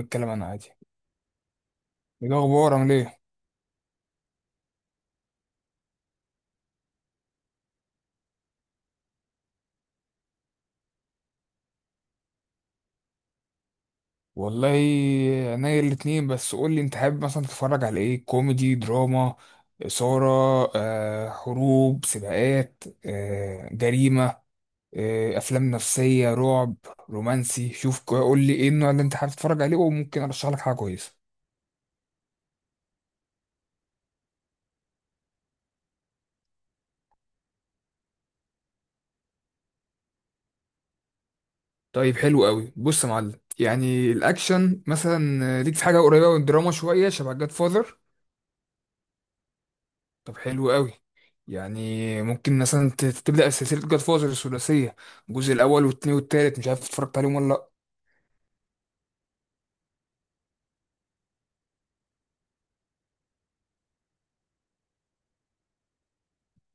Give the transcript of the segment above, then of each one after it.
نتكلم انا عادي. ايه الاخبار؟ عامل ايه؟ والله عينيا الاتنين، بس قول لي انت حابب مثلا تتفرج على ايه؟ كوميدي، دراما، اثاره، حروب، سباقات، جريمه، افلام نفسيه، رعب، رومانسي. شوف، قول لي ايه النوع اللي انت حابب تتفرج عليه، وممكن ارشح لك حاجه كويسه. طيب حلو قوي. بص يا معلم، يعني الاكشن مثلا، ليك في حاجه قريبه من الدراما شويه، شبه جاد فاذر. طب حلو قوي. يعني ممكن مثلا تبدأ سلسلة جاد فوزر الثلاثية، الجزء الأول والتاني والتالت. مش عارف اتفرجت عليهم ولا لأ.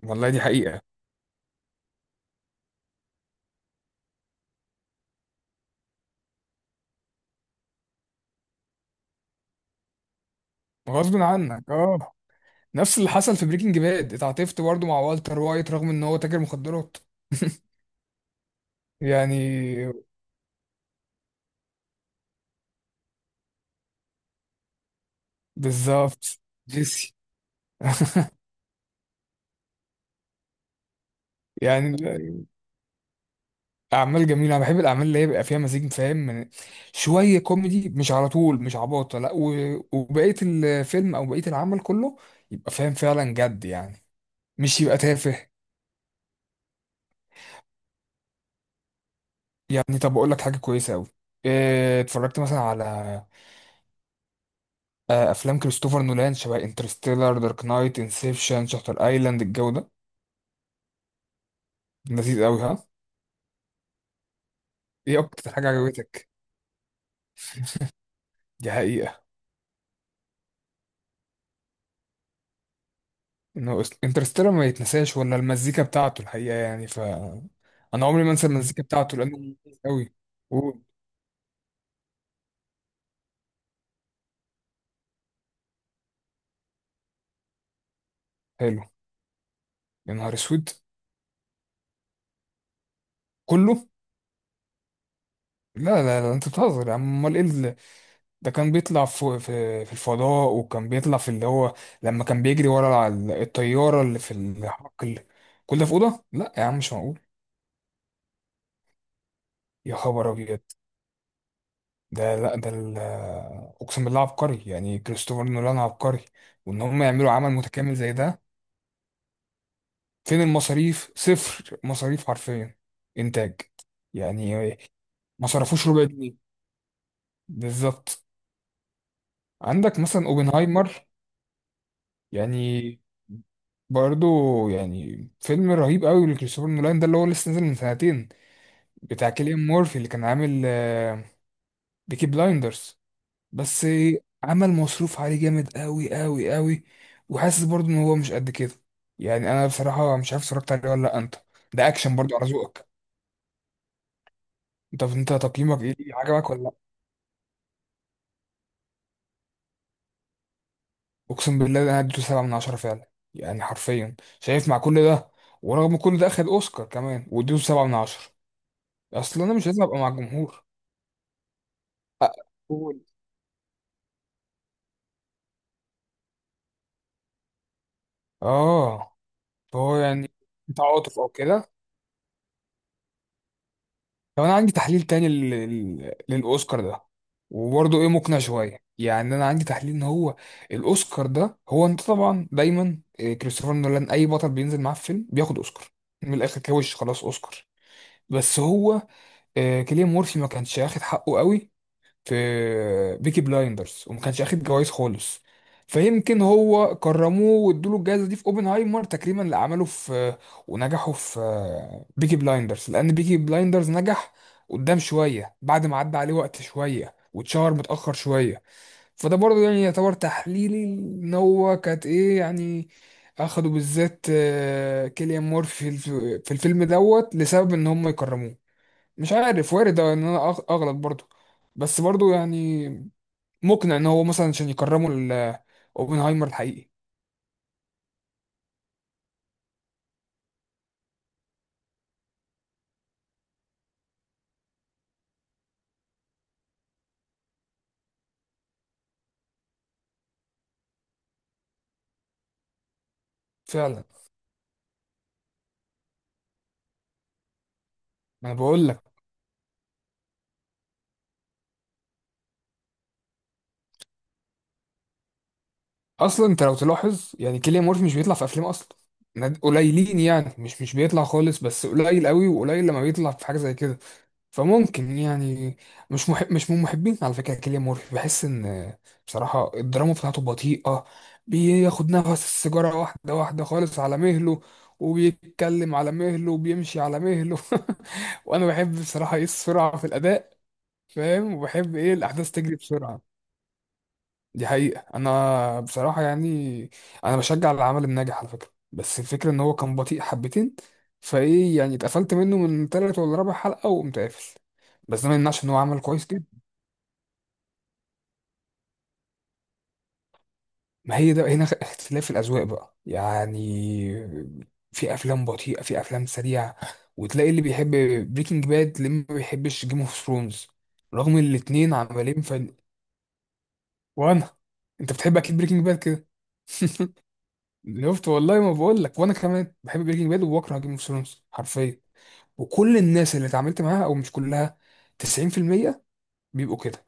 والله دي حقيقة. غصب عنك اه. نفس اللي حصل في بريكنج باد، اتعاطفت برضه مع والتر وايت رغم ان هو تاجر مخدرات. يعني بالظبط. جيسي. يعني اعمال جميله. انا بحب الاعمال اللي هي بيبقى فيها مزيج، فاهم؟ من شويه كوميدي، مش على طول مش عباطه لا، وبقيه الفيلم او بقيه العمل كله يبقى فاهم فعلا جد يعني، مش يبقى تافه. يعني طب اقول لك حاجه كويسه قوي. اتفرجت مثلا على افلام كريستوفر نولان؟ شبه انترستيلر، دارك نايت، انسبشن، شاتر ايلاند. الجو ده لذيذ قوي، ها؟ ايه اكتر حاجه عجبتك؟ دي حقيقه. انه انترستيلر ما يتنساش، ولا المزيكا بتاعته الحقيقه يعني، ف انا عمري ما انسى المزيكا بتاعته لانه لذيذ قوي. اوه، حلو. يا نهار اسود. كله. لا لا لا، انت بتهزر يا عم، امال ايه؟ ده كان بيطلع في الفضاء، وكان بيطلع في اللي هو، لما كان بيجري ورا الطيارة اللي في الحقل. كل ده في أوضة؟ لا يا عم مش معقول. يا خبر أبيض. ده لا ده ال- أقسم بالله عبقري، يعني كريستوفر نولان عبقري. وإن هم يعملوا عمل متكامل زي ده. فين المصاريف؟ صفر مصاريف حرفيا، إنتاج يعني. ما صرفوش ربع جنيه. بالظبط. عندك مثلا اوبنهايمر، يعني برضه، يعني فيلم رهيب قوي لكريستوفر نولان، ده اللي هو لسه نازل من سنتين، بتاع كيليان مورفي اللي كان عامل بيكي بلايندرز بس. عمل مصروف عليه جامد قوي قوي قوي، وحاسس برضه ان هو مش قد كده. يعني انا بصراحة مش عارف اتفرجت عليه ولا لا. انت ده اكشن برضه على ذوقك. انت تقييمك ايه؟ عجبك ولا لا؟ اقسم بالله ده انا اديته 7/10 فعلا يعني حرفيا. شايف مع كل ده، ورغم كل ده اخد اوسكار كمان، واديته 7/10. اصل انا مش لازم ابقى مع الجمهور. أ- اه. فهو يعني تعاطف او كده. طب انا عندي تحليل تاني للاوسكار ده، وبرضه ايه، مقنع شويه يعني. انا عندي تحليل ان هو الاوسكار ده، هو انت طبعا دايما إيه، كريستوفر نولان اي بطل بينزل معاه في فيلم بياخد اوسكار، من الاخر كوش خلاص اوسكار. بس هو كيليان مورفي ما كانش واخد حقه قوي في بيكي بلايندرز، وما كانش اخد جوائز خالص. فيمكن هو كرموه وادوله الجائزه دي في اوبنهايمر تكريما لعمله في ونجحه في بيكي بلايندرز، لان بيكي بلايندرز نجح قدام شويه، بعد ما عدى عليه وقت شويه واتشهر متاخر شويه. فده برضه يعني يعتبر تحليلي، ان هو كانت ايه يعني، اخدوا بالذات كيليان مورفي في في الفيلم دوت لسبب ان هم يكرموه. مش عارف، وارد ان انا اغلط برضو، بس برضو يعني مقنع، ان هو مثلا عشان يكرموا اوبنهايمر الحقيقي. فعلا. ما انا بقول لك. اصلا انت لو تلاحظ يعني كيليان مورفي مش بيطلع في افلام اصلا، قليلين يعني، مش بيطلع خالص بس، قليل قوي، وقليل لما بيطلع في حاجه زي كده. فممكن يعني، مش محب، مش من محبين على فكرة كيليان مورفي. بحس ان بصراحة الدراما بتاعته بطيئة، بياخد نفس السيجارة واحدة واحدة خالص على مهله، وبيتكلم على مهله، وبيمشي على مهله. وانا بحب بصراحة ايه؟ السرعة في الاداء، فاهم؟ وبحب ايه؟ الاحداث تجري بسرعة. دي حقيقة. انا بصراحة يعني انا بشجع العمل الناجح على فكرة، بس الفكرة ان هو كان بطيء حبتين، فايه يعني، اتقفلت منه من تالت ولا رابع حلقة وقمت قافل. بس ده ما يمنعش ان هو عمل كويس جدا. ما هي ده هنا اختلاف الاذواق بقى يعني. في افلام بطيئه، في افلام سريعه، وتلاقي اللي بيحب بريكنج باد اللي ما بيحبش جيم اوف ثرونز، رغم ان الاتنين عمالين فن. وانا انت بتحب اكيد بريكنج باد كده. شفت؟ والله ما بقول لك، وانا كمان بحب بريكنج باد وبكره جيم اوف ثرونز حرفيا. وكل الناس اللي اتعاملت معاها، او مش كلها، 90% بيبقوا كده.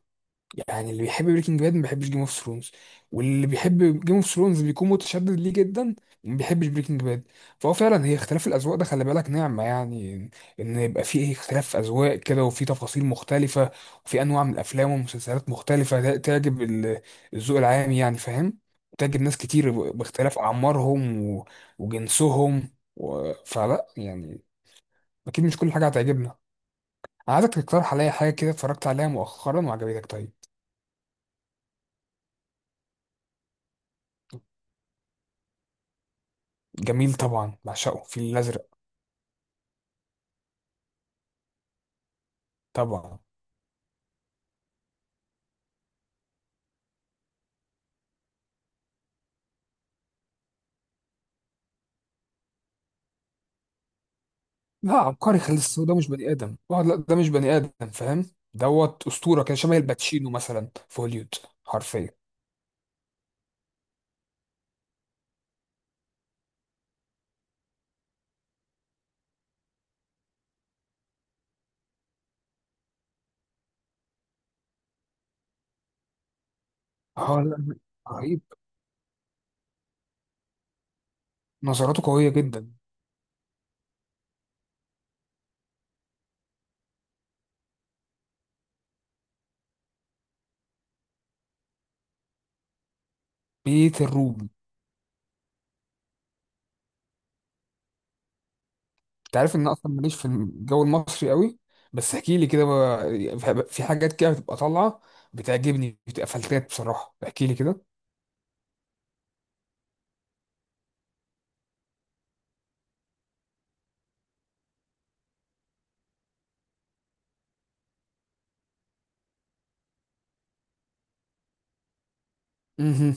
يعني اللي بيحب بريكنج باد ما بيحبش جيم اوف ثرونز، واللي بيحب جيم اوف ثرونز بيكون متشدد ليه جدا، وما بيحبش بريكنج باد. فهو فعلا هي اختلاف الاذواق ده، خلي بالك نعمه يعني، ان إن يبقى في اختلاف اذواق كده، وفي تفاصيل مختلفه، وفي انواع من الافلام والمسلسلات مختلفه، ده تعجب الذوق العام يعني، فاهم؟ تعجب ناس كتير باختلاف اعمارهم وجنسهم و... فلا يعني اكيد مش كل حاجه هتعجبنا. عايزك تقترح عليا حاجه كده اتفرجت عليها مؤخرا وعجبتك. طيب جميل طبعا، بعشقه الفيل الازرق. طبعا. لا عبقري خالص، ده مش بني ادم، اه لا ده مش بني ادم، فاهم؟ دوت اسطوره، كان شبه الباتشينو مثلا في هوليوود. حرفيا. اه لا رهيب. نظراته قويه جدا. بيت الروبي. انت عارف ان أنا اصلا ماليش في الجو المصري قوي، بس احكي لي كده في حاجات كده بتبقى طالعه، بتعجبني، بتبقى فلتات بصراحه، احكي لي كده. مهم.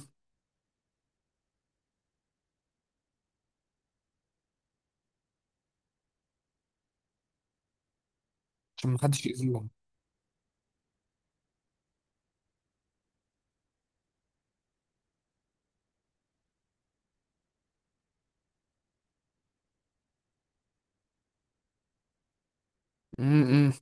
عشان ما حدش يأذيهم.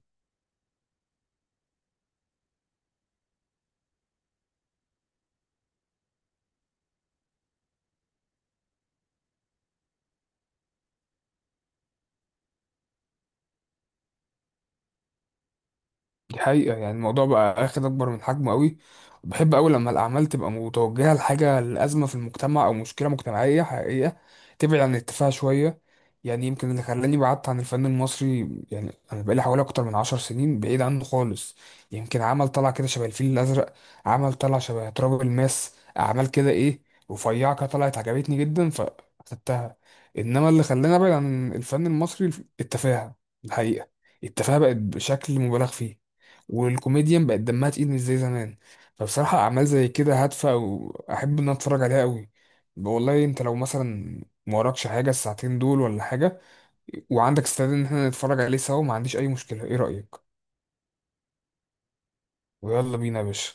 دي حقيقة، يعني الموضوع بقى اخد اكبر من حجمه قوي. وبحب قوي لما الاعمال تبقى متوجهة لحاجة، لأزمة في المجتمع، او مشكلة مجتمعية حقيقية، تبعد عن التفاهة شوية. يعني يمكن اللي خلاني بعدت عن الفن المصري، يعني انا بقالي حوالي اكتر من 10 سنين بعيد عنه خالص، يمكن عمل طلع كده شبه الفيل الازرق، عمل طلع شبه تراب الماس، اعمال كده ايه، رفيعة كده، طلعت عجبتني جدا فاخدتها. انما اللي خلاني ابعد عن الفن المصري التفاهة الحقيقة، التفاهة بقت بشكل مبالغ فيه، والكوميديان بقت دمها تقيل مش زي زمان. فبصراحة أعمال زي كده هادفة، وأحب إن أنا أتفرج عليها قوي. والله أنت لو مثلا ما وراكش حاجة الساعتين دول ولا حاجة، وعندك استعداد إن احنا نتفرج عليه سوا، ما عنديش أي مشكلة. إيه رأيك؟ ويلا بينا يا باشا.